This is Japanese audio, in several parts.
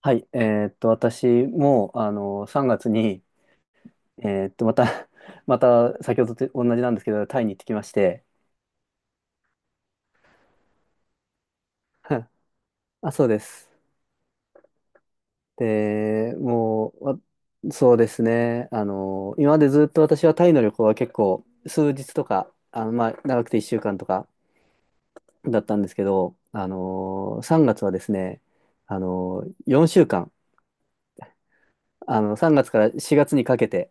はい、私も、3月に、また、また、先ほどと同じなんですけど、タイに行ってきまして。あ、そうです。で、もう、わそうですね、今までずっと私はタイの旅行は結構、数日とか、まあ、長くて1週間とかだったんですけど、3月はですね、4週間、3月から4月にかけて。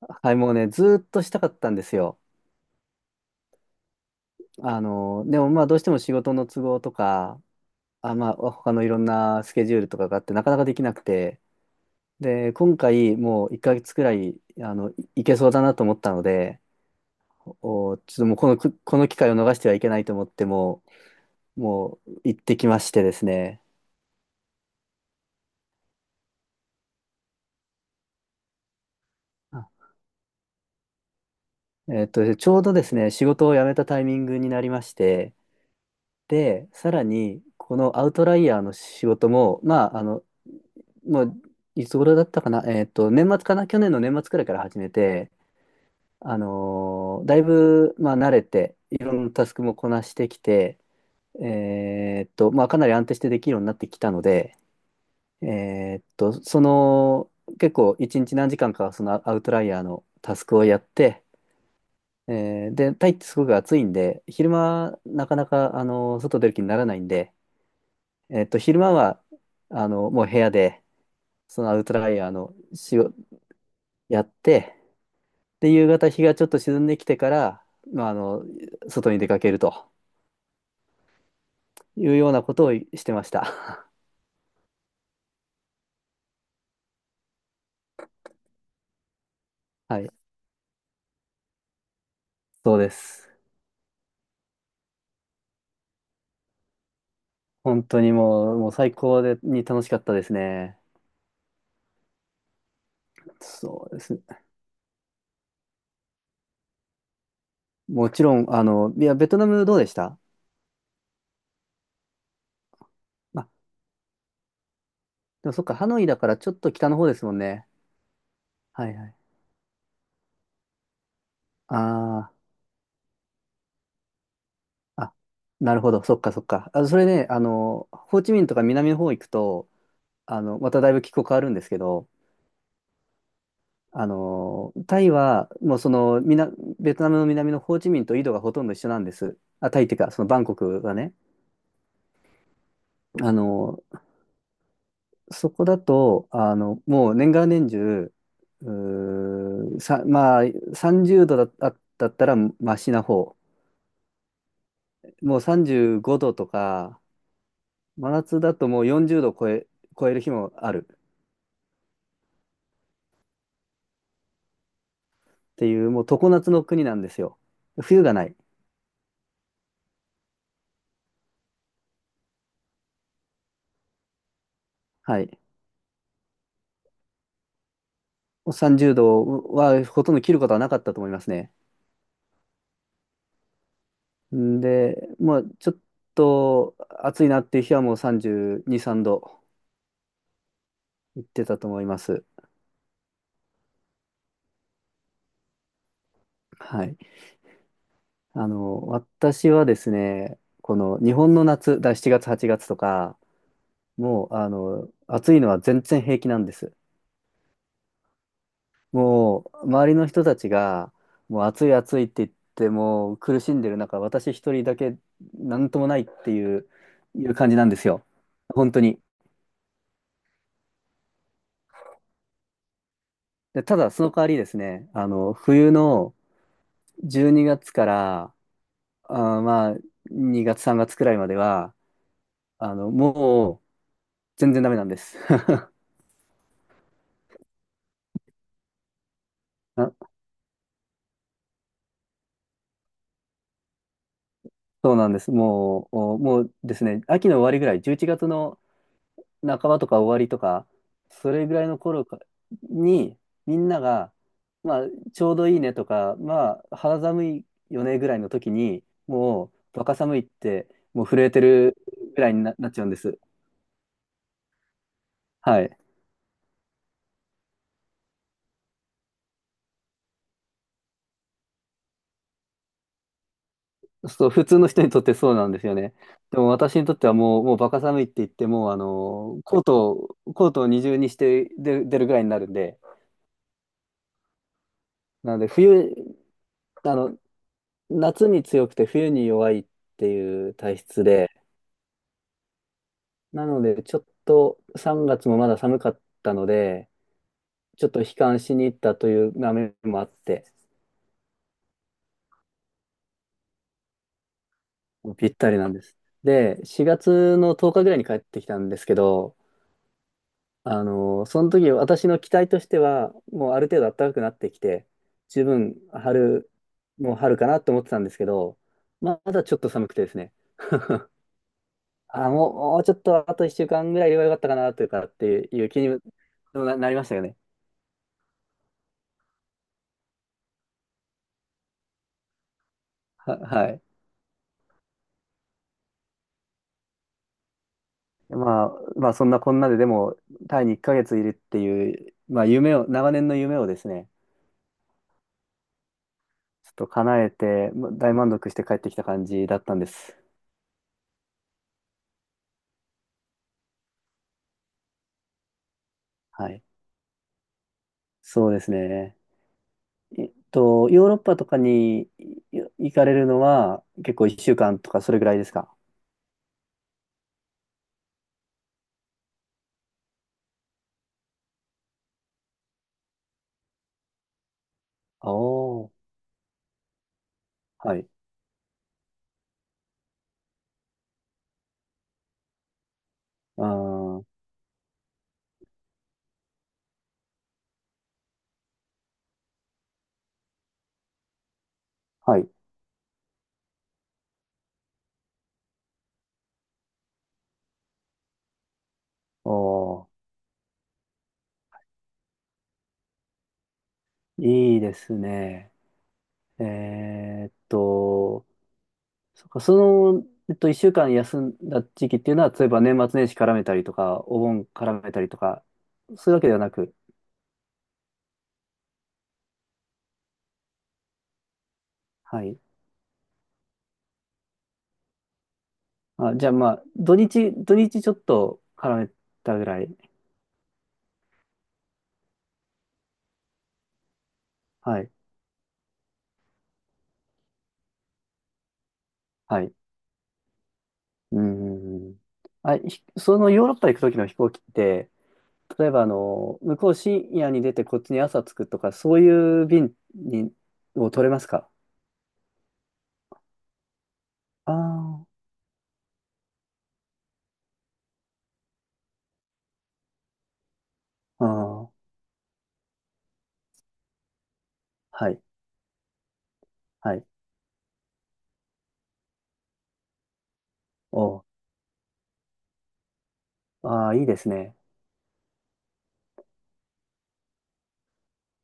はい、もうね、ずっとしたかったんですよ。でもまあどうしても仕事の都合とか、あ、まあ他のいろんなスケジュールとかがあってなかなかできなくて、で、今回もう1ヶ月くらい、いいけそうだなと思ったので、ちょっともうこの機会を逃してはいけないと思ってもう行ってきましてですね。あちょうどですね、仕事を辞めたタイミングになりまして、で、さらに、このアウトライヤーの仕事も、まあ、もう、いつ頃だったかな、年末かな、去年の年末くらいから始めて、だいぶ、まあ、慣れて、いろんなタスクもこなしてきて、まあ、かなり安定してできるようになってきたので、えーっと、その、結構、一日何時間か、そのアウトライヤーのタスクをやって、で、タイってすごく暑いんで、昼間、なかなか、外出る気にならないんで、昼間は、もう部屋で、そのアウトライヤーの仕事やって、で、夕方日がちょっと沈んできてから、まあ、外に出かけるというようなことをしてました。はい、そうです。本当にもう、最高に楽しかったですね。そうですね。もちろん、いや、ベトナムどうでした？あ、でもそっか、ハノイだからちょっと北の方ですもんね。はいはい。ああ、あ、なるほど、そっかそっか。あ、それね、ホーチミンとか南の方行くと、まただいぶ気候変わるんですけど、タイは、もうその、みな、ベトナムの南のホーチミンと緯度がほとんど一緒なんです。あ、タイっていうか、そのバンコクはね。あの、そこだと、もう年がら年中、うーさ、まあ、30度だったらマシな方。もう35度とか、真夏だともう40度超える日もあるっていう、もう常夏の国なんですよ。冬がない。はい。30度はほとんど切ることはなかったと思いますね。んで、まあ、ちょっと暑いなっていう日はもう32、3度いってたと思います。はい。私はですね、この日本の夏、7月、8月とか、もう、暑いのは全然平気なんです。もう、周りの人たちが、もう暑い暑いって言って、もう苦しんでる中、私一人だけなんともないっていう、感じなんですよ。本当に。で、ただ、その代わりですね、冬の12月から、まあ、2月、3月くらいまでは、もう、全然ダメなんです。あ、そうなんです。もう、おもうですね、秋の終わりぐらい、11月の半ばとか終わりとか、それぐらいの頃かに、みんなが、まあ、ちょうどいいねとか、まあ、肌寒いよねぐらいの時に、もう、バカ寒いって、もう震えてるぐらいになっちゃうんです。はい。そう、普通の人にとってそうなんですよね。でも私にとってはもう、バカ寒いって言っても、コートを二重にして出るぐらいになるんで、なので冬、あの、夏に強くて冬に弱いっていう体質で、なのでちょっと3月もまだ寒かったので、ちょっと悲観しに行ったという面もあって、ぴったりなんです。で、4月の10日ぐらいに帰ってきたんですけど、その時私の期待としては、もうある程度暖かくなってきて、十分春、もう春かなと思ってたんですけど、まだちょっと寒くてですね、あ、もうちょっとあと1週間ぐらいいればよかったかなというかっていう気にもなりましたよね。はい。まあ、そんなこんなででも、タイに1ヶ月いるっていう、まあ長年の夢をですね、ちょっと叶えて、大満足して帰ってきた感じだったんです。はい。そうですね。ヨーロッパとかに行かれるのは結構1週間とかそれぐらいですか？おー、はい。あー、はい。おー、いいですね。えーっと、そっか、1週間休んだ時期っていうのは、例えば年末年始絡めたりとか、お盆絡めたりとか、そういうわけではなく、はい。あ、じゃあまあ、土日ちょっと絡めたぐらい。はい。はい。うん。あ、そのヨーロッパ行く時の飛行機って、例えば向こう深夜に出てこっちに朝着くとか、そういう便を取れますか？ああ、ああ、はい、はい。おああー、いいですね。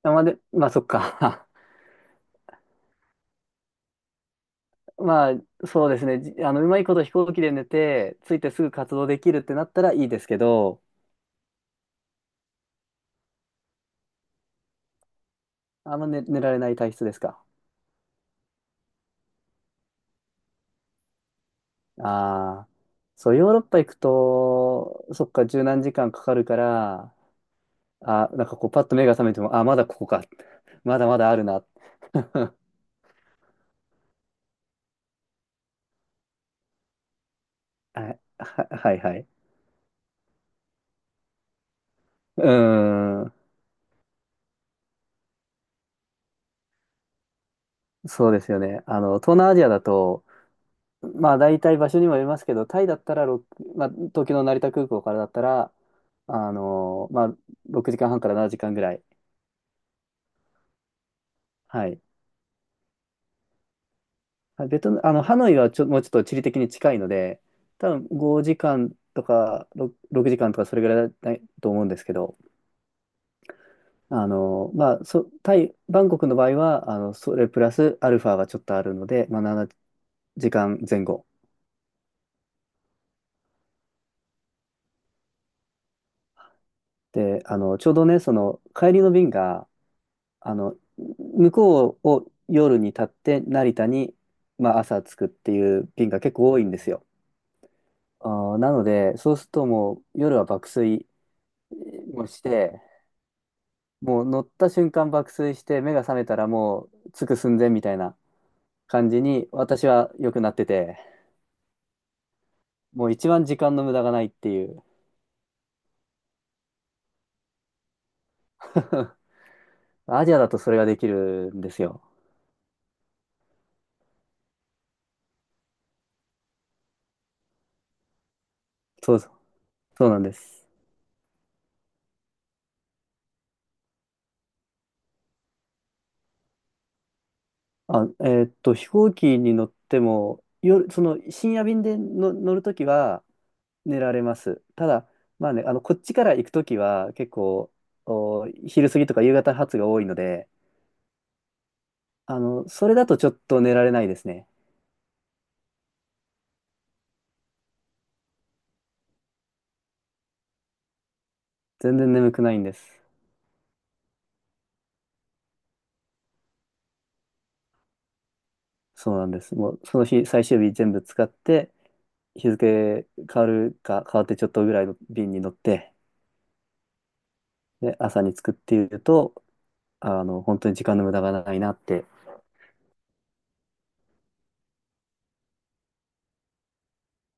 あまあ、で、まあ、そっか。まあ、そうですね。じあの、うまいこと飛行機で寝て、着いてすぐ活動できるってなったらいいですけど、あんま寝られない体質ですか？ああ、そう、ヨーロッパ行くと、そっか、十何時間かかるから、あ、なんかこう、パッと目が覚めても、あ、まだここか。まだまだあるな。あはいはい。うーん。そうですよね。東南アジアだと、まあ大体場所にもよりますけど、タイだったら6、まあ、東京の成田空港からだったら、まあ6時間半から7時間ぐらい。はい。ベトナム、ハノイはもうちょっと地理的に近いので、多分5時間とか6、6時間とかそれぐらいだと思うんですけど、まあ、タイ、バンコクの場合は、それプラスアルファがちょっとあるので、まあ、7時間前後。で、ちょうどね、その、帰りの便が、あの、向こうを夜に立って、成田に、まあ、朝着くっていう便が結構多いんですよ。あなので、そうするともう、夜は爆睡もして、もう乗った瞬間爆睡して、目が覚めたらもう、着く寸前みたいな感じに、私は良くなってて、もう一番時間の無駄がないっていう。アジアだとそれができるんですよ。そうそう、そうなんです。あ、飛行機に乗っても、夜、その深夜便での乗るときは寝られます。ただ、まあね、こっちから行くときは結構、昼過ぎとか夕方発が多いので、それだとちょっと寝られないですね。全然眠くないんです。そうなんです。もう、その日、最終日全部使って、日付変わるか変わってちょっとぐらいの便に乗って、で、朝に着くっていうと、本当に時間の無駄がないなって